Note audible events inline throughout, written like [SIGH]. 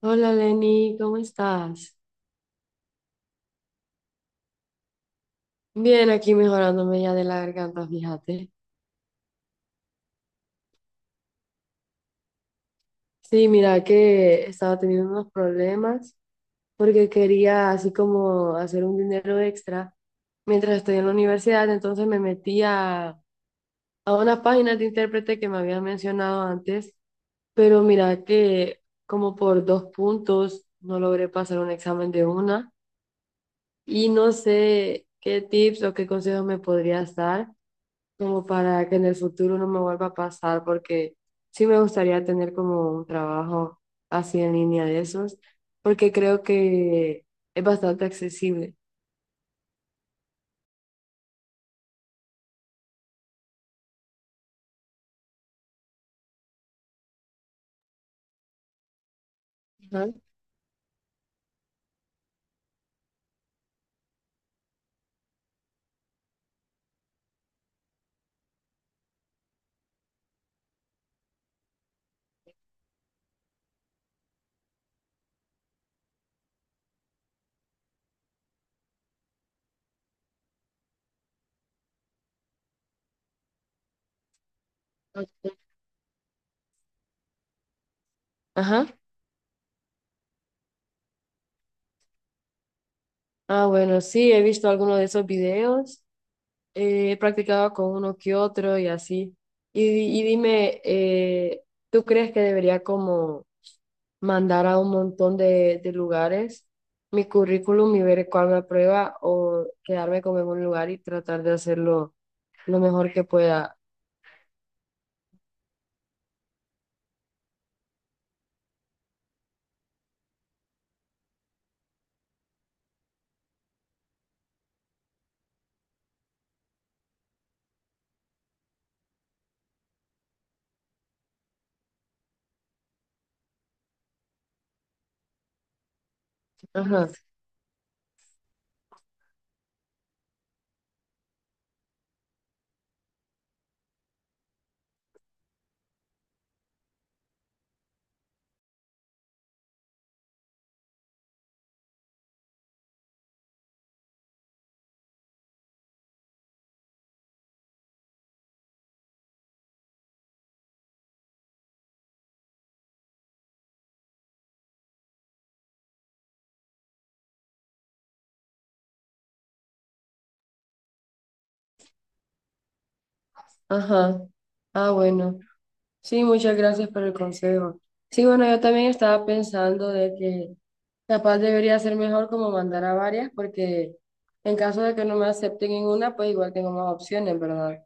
Hola Lenny, ¿cómo estás? Bien, aquí mejorándome ya de la garganta, fíjate. Sí, mira que estaba teniendo unos problemas porque quería así como hacer un dinero extra mientras estoy en la universidad, entonces me metí a unas páginas de intérprete que me habían mencionado antes, pero mira que como por dos puntos no logré pasar un examen de una y no sé qué tips o qué consejos me podrías dar como para que en el futuro no me vuelva a pasar, porque sí me gustaría tener como un trabajo así en línea de esos, porque creo que es bastante accesible. Ajá. Ajá. Ah, bueno, sí, he visto algunos de esos videos, he practicado con uno que otro y así. Y, y dime, ¿tú crees que debería como mandar a un montón de lugares mi currículum y ver cuál me aprueba o quedarme como en un lugar y tratar de hacerlo lo mejor que pueda? Ajá, ajá. Ah, bueno. Sí, muchas gracias por el consejo. Sí, bueno, yo también estaba pensando de que capaz debería ser mejor como mandar a varias porque en caso de que no me acepten en una, pues igual tengo más opciones, ¿verdad?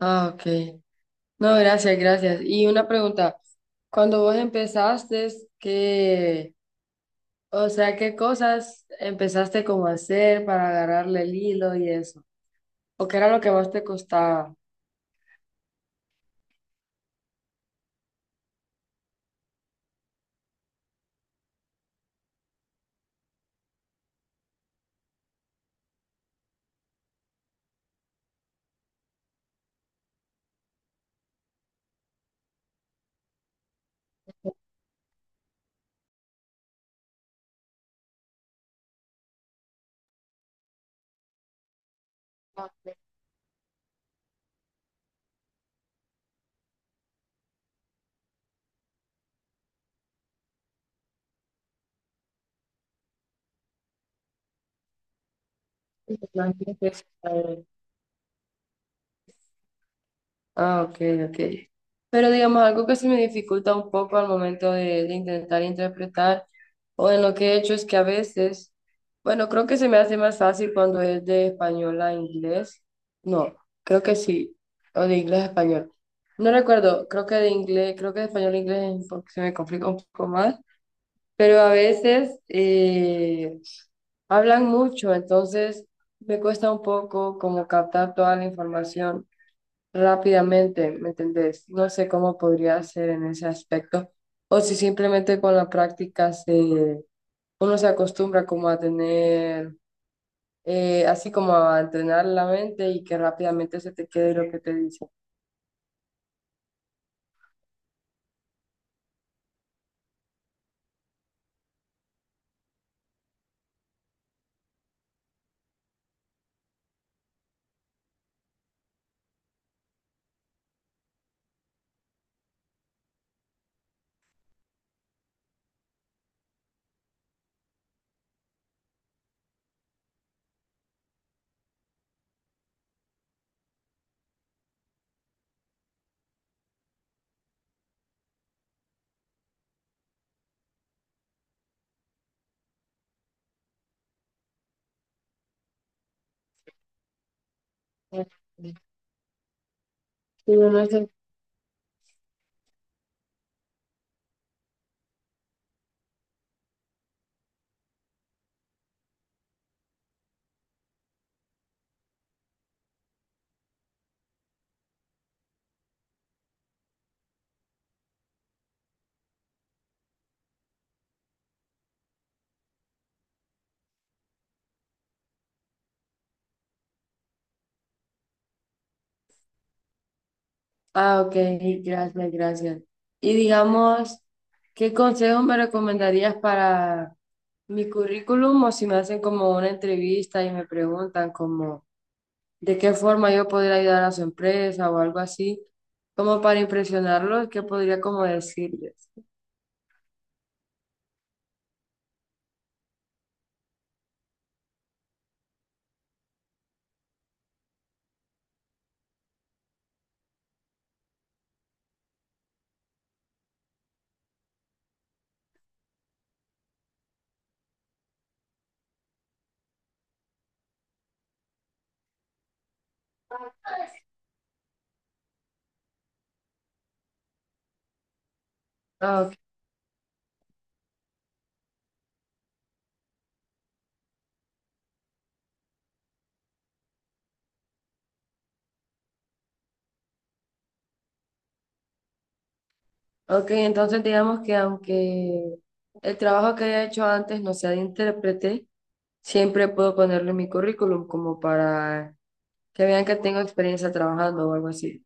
Ah, ok. No, gracias, gracias. Y una pregunta, cuando vos empezaste, ¿qué, o sea, qué cosas empezaste como a hacer para agarrarle el hilo y eso? ¿O qué era lo que más te costaba? Ah, pues, la gente, pues, a ver. Ah, ok, ok. Pero digamos, algo que se me dificulta un poco al momento de intentar interpretar o en lo que he hecho es que a veces, bueno, creo que se me hace más fácil cuando es de español a inglés. No, creo que sí, o de inglés a español. No recuerdo, creo que de inglés, creo que de español a inglés es porque se me complica un poco más, pero a veces hablan mucho, entonces me cuesta un poco como captar toda la información rápidamente, ¿me entendés? No sé cómo podría ser en ese aspecto. O si simplemente con la práctica uno se acostumbra como a tener, así como a entrenar la mente y que rápidamente se te quede lo que te dice. Pero no sé. Ah, ok, gracias, gracias. Y digamos, ¿qué consejos me recomendarías para mi currículum o si me hacen como una entrevista y me preguntan como de qué forma yo podría ayudar a su empresa o algo así, como para impresionarlos, qué podría como decirles? Ah, ok. Ok, entonces digamos que aunque el trabajo que haya hecho antes no sea de intérprete, siempre puedo ponerlo en mi currículum como para que vean que tengo experiencia trabajando o algo así.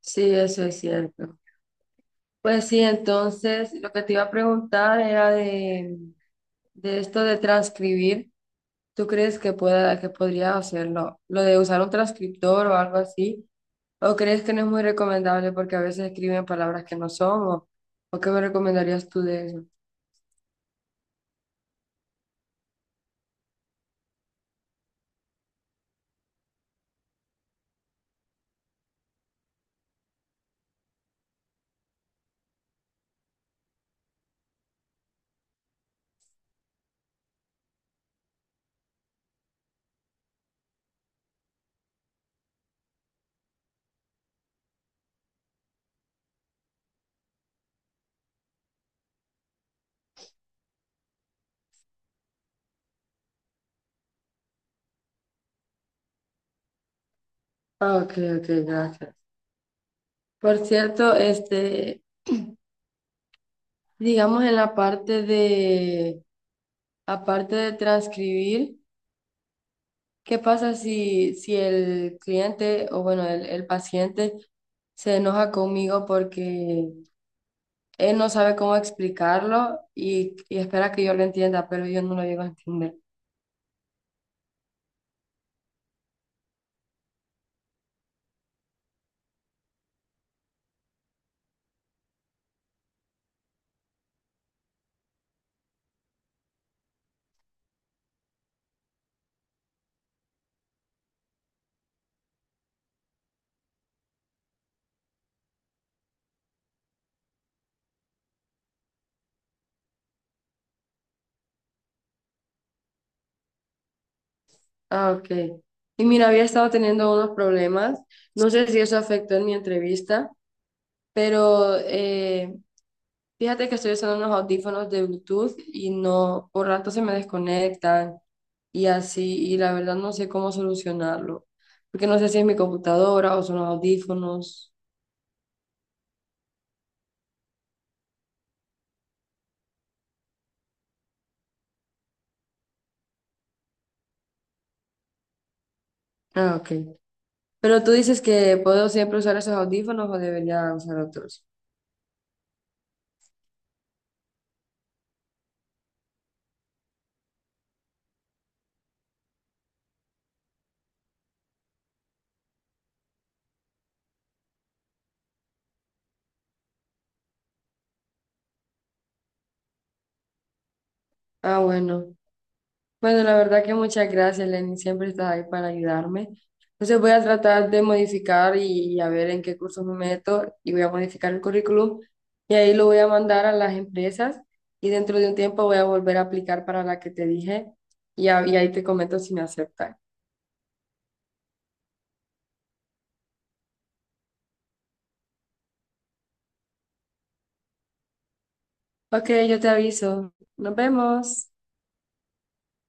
Sí, eso es cierto. Pues sí, entonces lo que te iba a preguntar era de esto de transcribir. ¿Tú crees que pueda, que podría hacerlo? Lo de usar un transcriptor o algo así. ¿O crees que no es muy recomendable porque a veces escriben palabras que no son? ¿O qué me recomendarías tú de eso? Ah, ok, ok, gracias. Por cierto, este, [CLEARS THROAT] digamos en la parte aparte de transcribir, ¿qué pasa si el cliente o bueno, el paciente se enoja conmigo porque él no sabe cómo explicarlo y espera que yo lo entienda, pero yo no lo llego a entender. Ah, ok. Y mira, había estado teniendo unos problemas. No sé si eso afectó en mi entrevista, pero fíjate que estoy usando unos audífonos de Bluetooth y no, por rato se me desconectan y así, y la verdad no sé cómo solucionarlo, porque no sé si es mi computadora o son los audífonos. Ah, ok. Pero tú dices que puedo siempre usar esos audífonos o debería usar otros. Ah, bueno. Bueno, la verdad que muchas gracias, Lenny. Siempre estás ahí para ayudarme. Entonces voy a tratar de modificar y a ver en qué cursos me meto y voy a modificar el currículum y ahí lo voy a mandar a las empresas y dentro de un tiempo voy a volver a aplicar para la que te dije y, y ahí te comento si me aceptan. Ok, yo te aviso. Nos vemos.